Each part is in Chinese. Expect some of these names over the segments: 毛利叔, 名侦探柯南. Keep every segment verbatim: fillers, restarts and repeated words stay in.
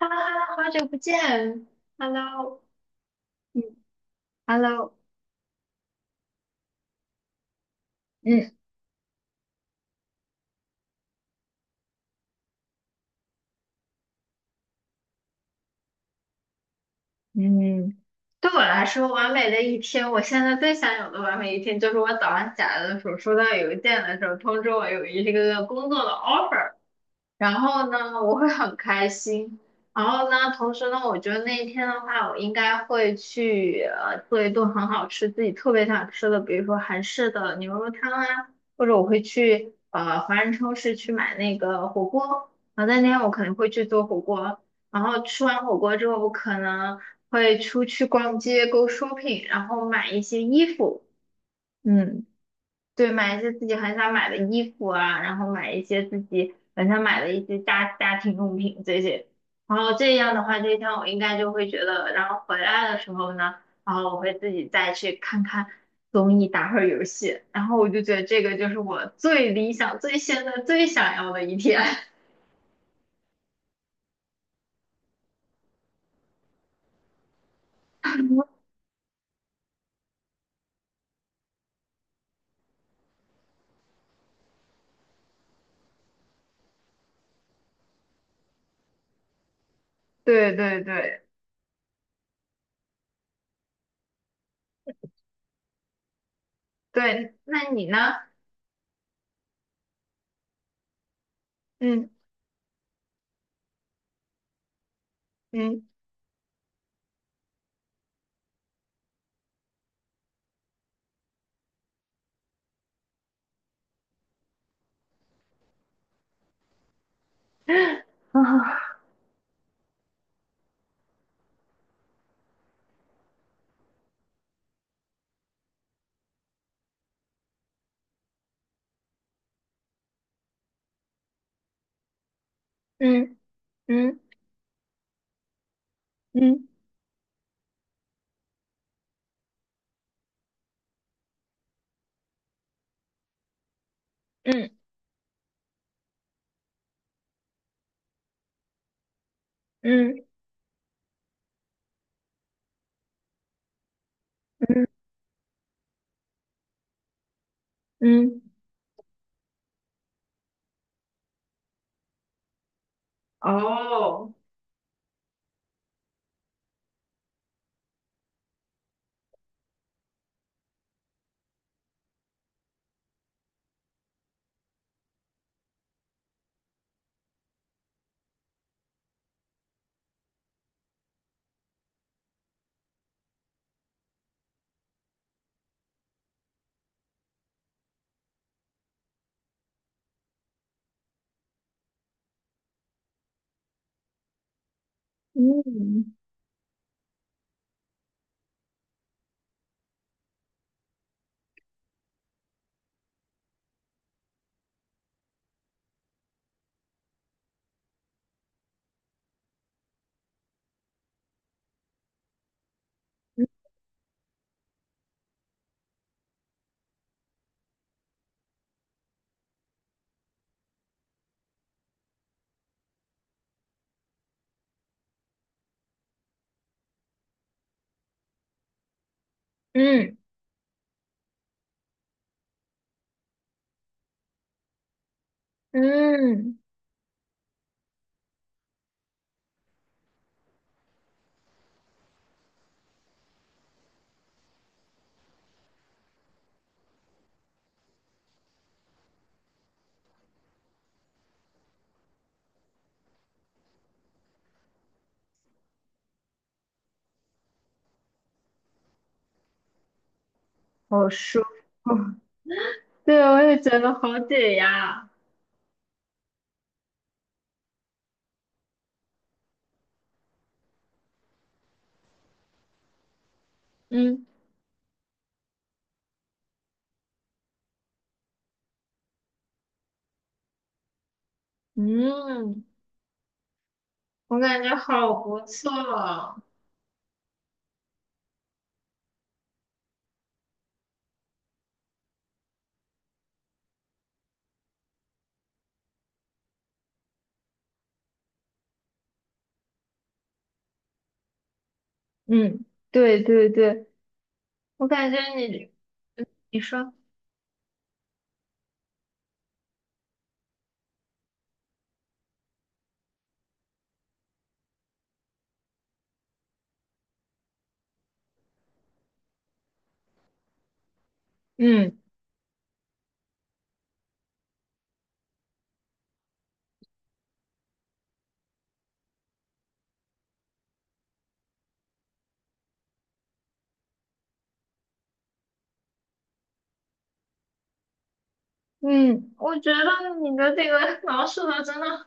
Hello,Hello,好久不见。Hello,嗯，Hello。嗯嗯，对我来说，完美的一天，我现在最想有的完美一天，就是我早上起来的时候，收到邮件的时候，通知我有一个工作的 offer。然后呢，我会很开心。然后呢，同时呢，我觉得那一天的话，我应该会去呃做一顿很好吃、自己特别想吃的，比如说韩式的牛肉汤啊，或者我会去呃华人超市去买那个火锅。然后那天我可能会去做火锅，然后吃完火锅之后，我可能会出去逛街、go shopping,然后买一些衣服。嗯。对，买一些自己很想买的衣服啊，然后买一些自己很想买的一些家家庭用品这些，然后这样的话，这一天我应该就会觉得，然后回来的时候呢，然后我会自己再去看看综艺，打会儿游戏，然后我就觉得这个就是我最理想、最现在最想要的一天。对对对对，那你呢？嗯嗯啊嗯嗯嗯嗯嗯嗯嗯，哦。嗯嗯嗯，好舒服。对，我也觉得好解压。嗯嗯，我感觉好不错。嗯，对对对，我感觉你你说。嗯嗯，我觉得你的这个 描述的真的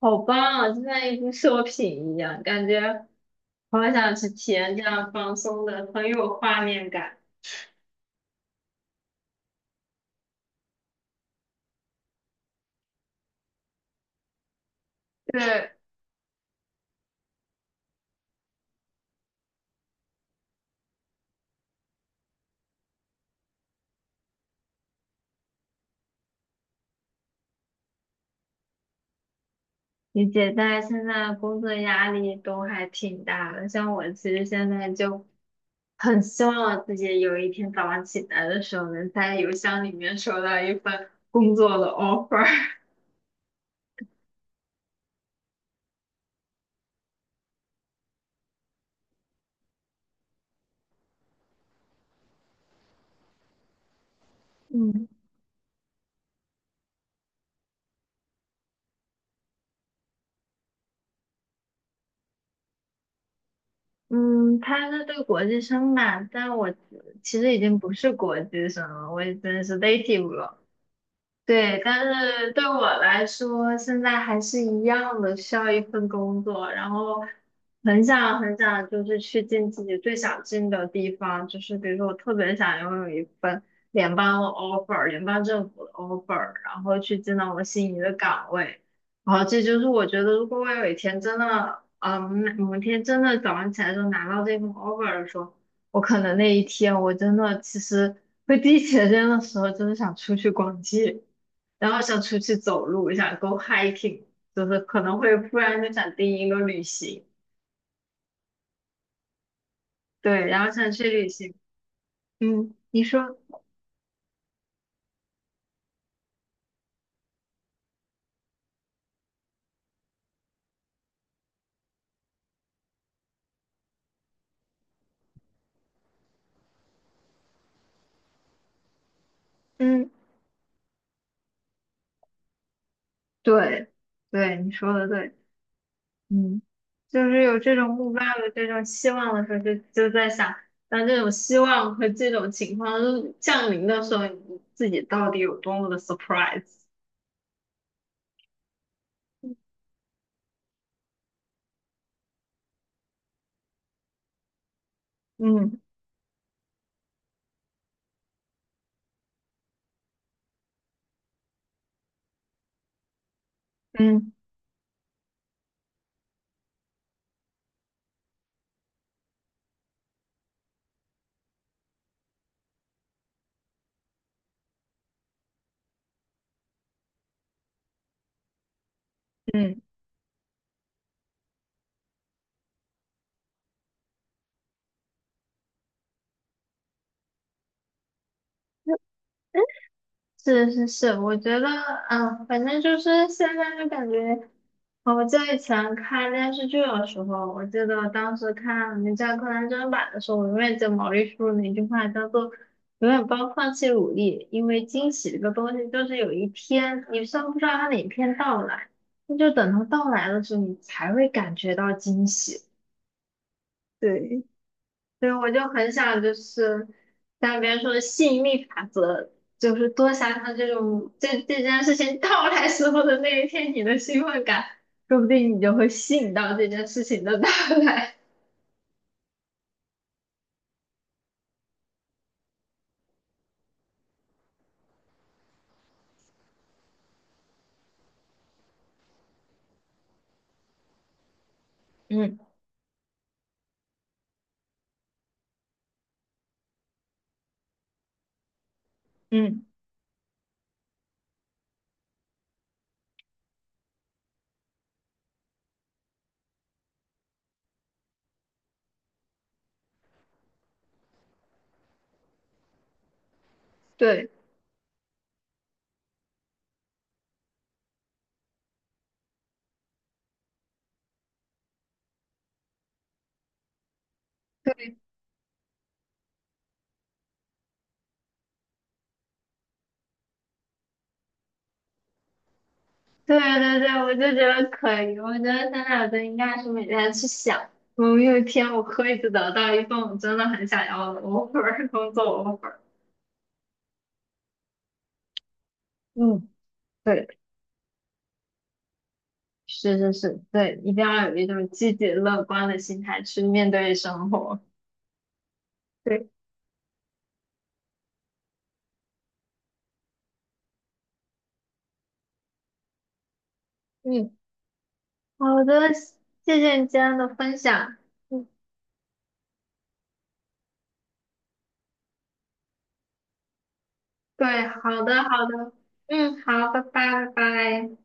好棒啊，就像一部作品一样，感觉好想去体验这样放松的，很有画面感。对，理解，但是现在工作压力都还挺大的。像我其实现在就很希望自己有一天早上起来的时候，能在邮箱里面收到一份工作的 offer。嗯嗯，他是对国际生吧，但我其实已经不是国际生了，我已经是 native 了。对，但是对我来说，现在还是一样的，需要一份工作，然后很想很想，就是去进自己最想进的地方，就是比如说，我特别想拥有一份联邦的 offer,联邦政府的 offer,然后去进到我心仪的岗位，然后这就是我觉得，如果我有一天真的，嗯，某一天真的早上起来就拿到这份 offer 的时候，我可能那一天我真的其实会第一时间的时候，真的想出去逛街。然后想出去走路，想 go hiking,就是可能会突然就想定一个旅行，对，然后想去旅行。嗯，你说。嗯，对，对，你说的对。嗯，就是有这种目标，有这种希望的时候就，就在想，当这种希望和这种情况降临的时候，你自己到底有多么的 surprise。嗯。嗯嗯，是是是，我觉得，嗯，反正就是现在就感觉。哦我在以前看电视剧的时候，我记得当时看《名侦探柯南》真人版的时候，我永远记得毛利叔那句话叫做“永远不要放弃努力”，因为惊喜这个东西就是有一天你虽然不知道它哪一天到来，那就等它到来的时候，你才会感觉到惊喜。对，对，我就很想就是像别人说的吸引力法则，就是多想想这种这这件事情到来时候的那一天你的兴奋感，说不定你就会吸引到这件事情的到来。嗯嗯，对，对对对，我就觉得可以，我觉得现在我就应该是每天去想，们有一天我可以得到一份我真的很想要的 offer 工作 offer。嗯，对。是是是，对，一定要有一种积极乐观的心态去面对生活。对，嗯，好的，谢谢你今天的分享。嗯，对，好的好的，嗯，好，拜拜拜拜。